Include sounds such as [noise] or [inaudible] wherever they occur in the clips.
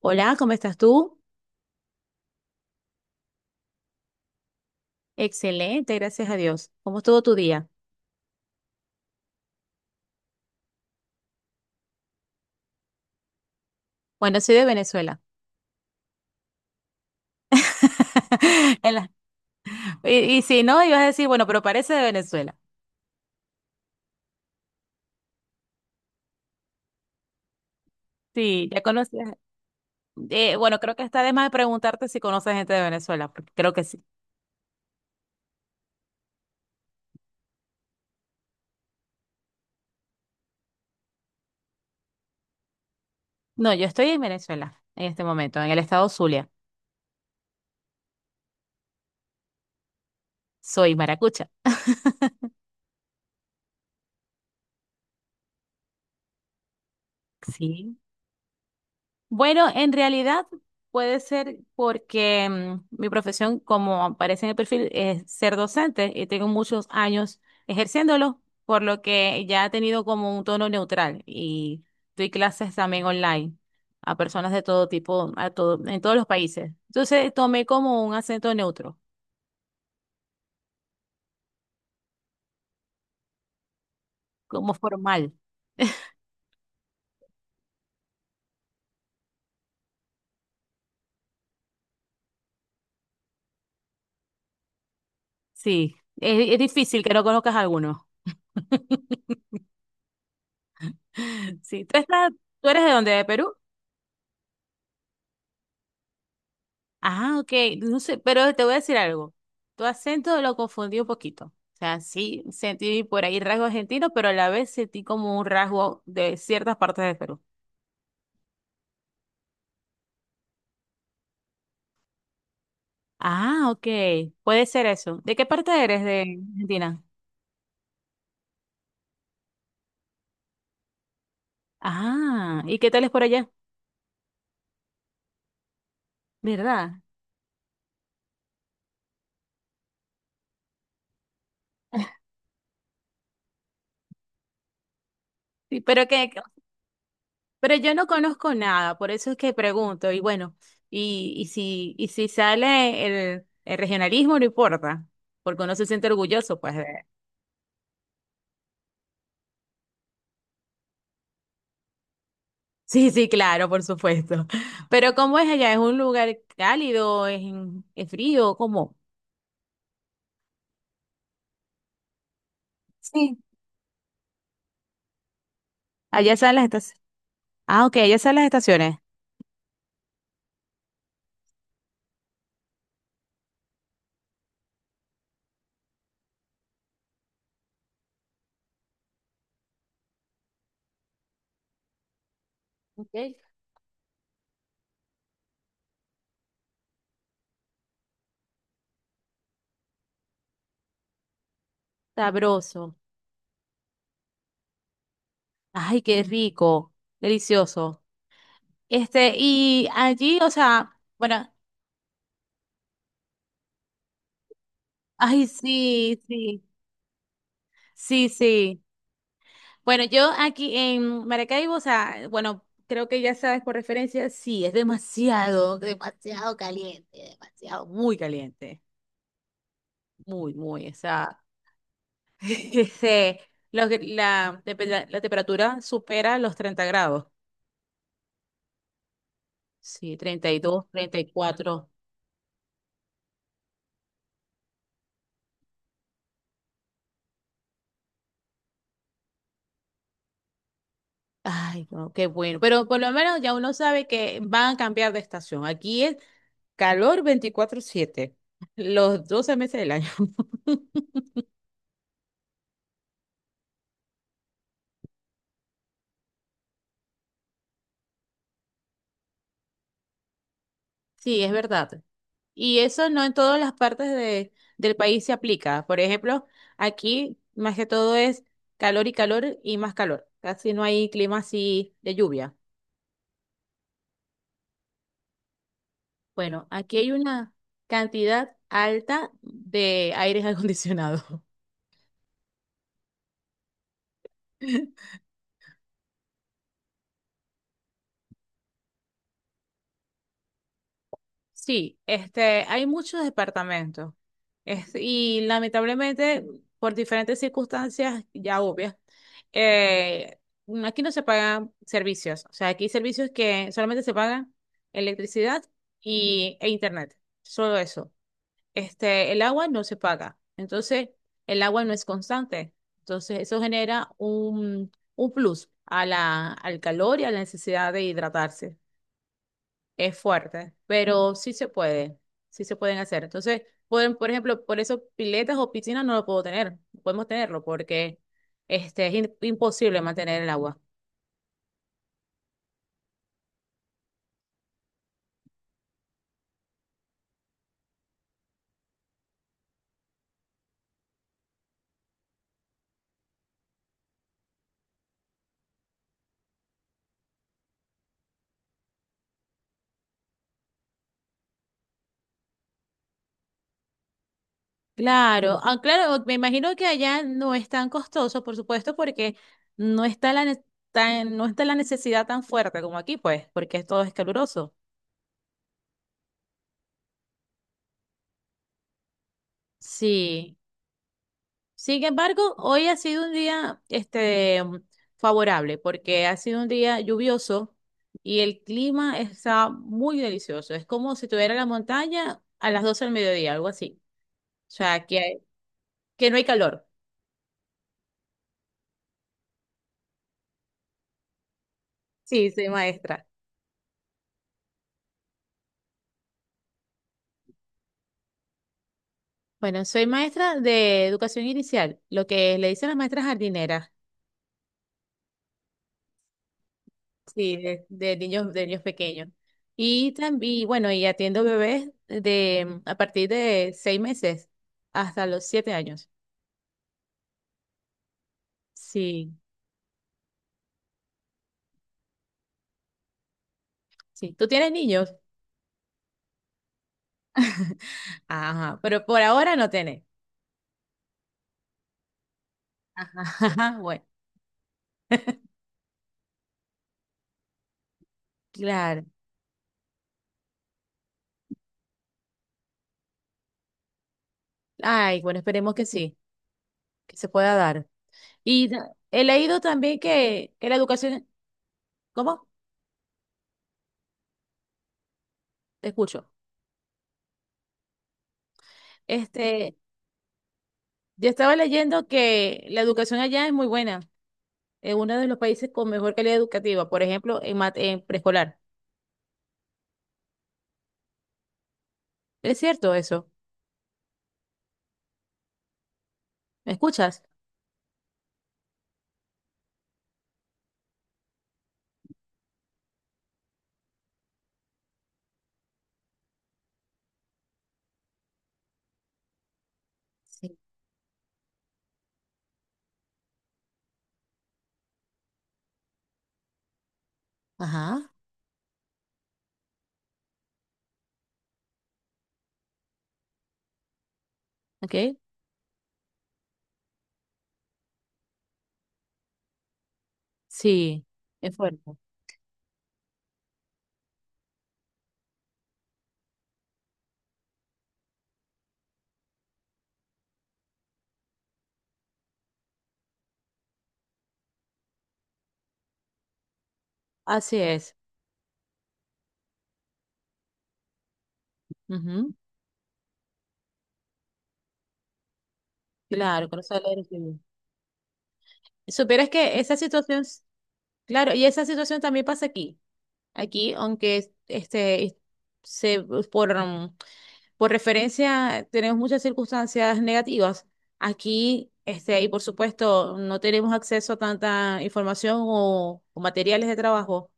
Hola, ¿cómo estás tú? Excelente, gracias a Dios. ¿Cómo estuvo tu día? Bueno, soy de Venezuela. [laughs] En la- y si no, ibas a decir, bueno, pero parece de Venezuela. Sí, ya conoces. Bueno, creo que está de más preguntarte si conoces gente de Venezuela, porque creo que sí. No, yo estoy en Venezuela en este momento, en el estado Zulia. Soy maracucha. Sí. Bueno, en realidad puede ser porque mi profesión, como aparece en el perfil, es ser docente y tengo muchos años ejerciéndolo, por lo que ya he tenido como un tono neutral y doy clases también online a personas de todo tipo, a todo, en todos los países. Entonces tomé como un acento neutro, como formal. Sí, es difícil que no conozcas a alguno. [laughs] Sí, ¿ tú eres de dónde? ¿De Perú? Ah, ok, no sé, pero te voy a decir algo. Tu acento lo confundí un poquito. O sea, sí sentí por ahí rasgo argentino, pero a la vez sentí como un rasgo de ciertas partes de Perú. Ah, ok, puede ser eso. ¿De qué parte eres de Argentina? Ah, ¿y qué tal es por allá? ¿Verdad? Sí, pero yo no conozco nada, por eso es que pregunto. Y bueno, y si sale el regionalismo, no importa, porque uno se siente orgulloso, pues. Sí, sí, claro, por supuesto. Pero ¿cómo es allá? ¿Es un lugar cálido? ¿Es frío? ¿Cómo? Sí. Allá están las estaciones. Ah, ok, allá están las estaciones. Okay, sabroso. Ay, qué rico. Delicioso. Y allí, o sea, bueno, ay, sí, sí, sí, sí. Bueno, yo aquí en Maracaibo, o sea, bueno, creo que ya sabes por referencia, sí, es demasiado, demasiado caliente, demasiado, muy caliente. Muy, muy, o sea, [laughs] este, la temperatura supera los 30 grados. Sí, 30 32 34. Ay, no, qué bueno. Pero por lo menos ya uno sabe que van a cambiar de estación. Aquí es calor 24/7, [laughs] los 12 meses del año. [laughs] Sí, es verdad. Y eso no en todas las partes del país se aplica. Por ejemplo, aquí más que todo es calor y calor y más calor. Casi no hay clima así de lluvia. Bueno, aquí hay una cantidad alta de aires acondicionados. [laughs] Sí, hay muchos departamentos. Y lamentablemente, por diferentes circunstancias ya obvias, eh, aquí no se pagan servicios. O sea, aquí hay servicios que solamente se pagan electricidad e internet. Solo eso. El agua no se paga. Entonces, el agua no es constante. Entonces, eso genera un plus a al calor y a la necesidad de hidratarse. Es fuerte, pero sí se pueden hacer. Entonces, pueden, por ejemplo, por eso piletas o piscinas no lo puedo tener, no podemos tenerlo porque imposible mantener el agua. Claro, ah, claro, me imagino que allá no es tan costoso, por supuesto, porque no está la, ne- tan- no está la necesidad tan fuerte como aquí, pues, porque todo es caluroso. Sí. Sin embargo, hoy ha sido un día, favorable, porque ha sido un día lluvioso y el clima está muy delicioso. Es como si tuviera la montaña a las 12 del mediodía, algo así. O sea, que no hay calor. Sí, sí, maestra. Bueno, soy maestra de educación inicial, lo que le dicen las maestras jardineras, sí, de niños, de niños pequeños. Y también, bueno, y atiendo bebés de a partir de 6 meses hasta los 7 años. Sí, sí. ¿Tú tienes niños? Ajá, pero por ahora no tenés. Ajá, [laughs] bueno, claro. Ay, bueno, esperemos que sí, que se pueda dar. Y he leído también que, la educación, ¿cómo? Te escucho. Este, Yo estaba leyendo que la educación allá es muy buena, es uno de los países con mejor calidad educativa, por ejemplo, en preescolar. ¿Es cierto eso? ¿Me escuchas? Sí. Ajá, ok. Sí, es fuerte. Así es. Ujú, claro, con eso leer y escribir. Supieras que esa situación, claro, y esa situación también pasa aquí. Aquí, aunque se, por, mm, por referencia, tenemos muchas circunstancias negativas aquí, y por supuesto, no tenemos acceso a tanta información o materiales de trabajo.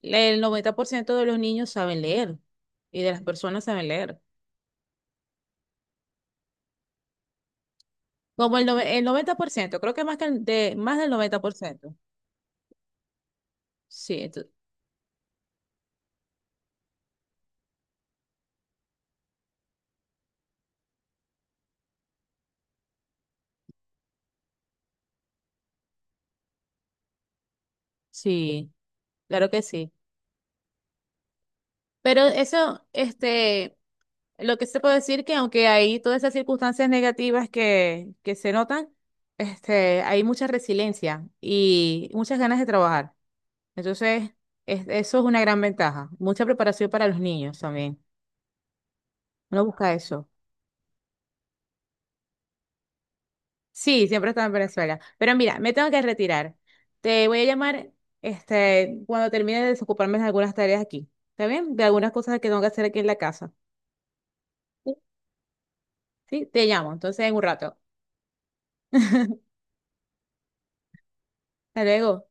El 90% de los niños saben leer y de las personas saben leer. Como el 90% creo que más, más del 90%. Sí, sí, claro que sí. Pero eso, lo que se puede decir que aunque hay todas esas circunstancias negativas que se notan, hay mucha resiliencia y muchas ganas de trabajar. Entonces, eso es una gran ventaja. Mucha preparación para los niños también. Uno busca eso. Sí, siempre está en Venezuela. Pero mira, me tengo que retirar. Te voy a llamar cuando termine de desocuparme de algunas tareas aquí. ¿Está bien? De algunas cosas que tengo que hacer aquí en la casa. Sí, sí, te llamo. Entonces, en un rato. [laughs] Hasta luego.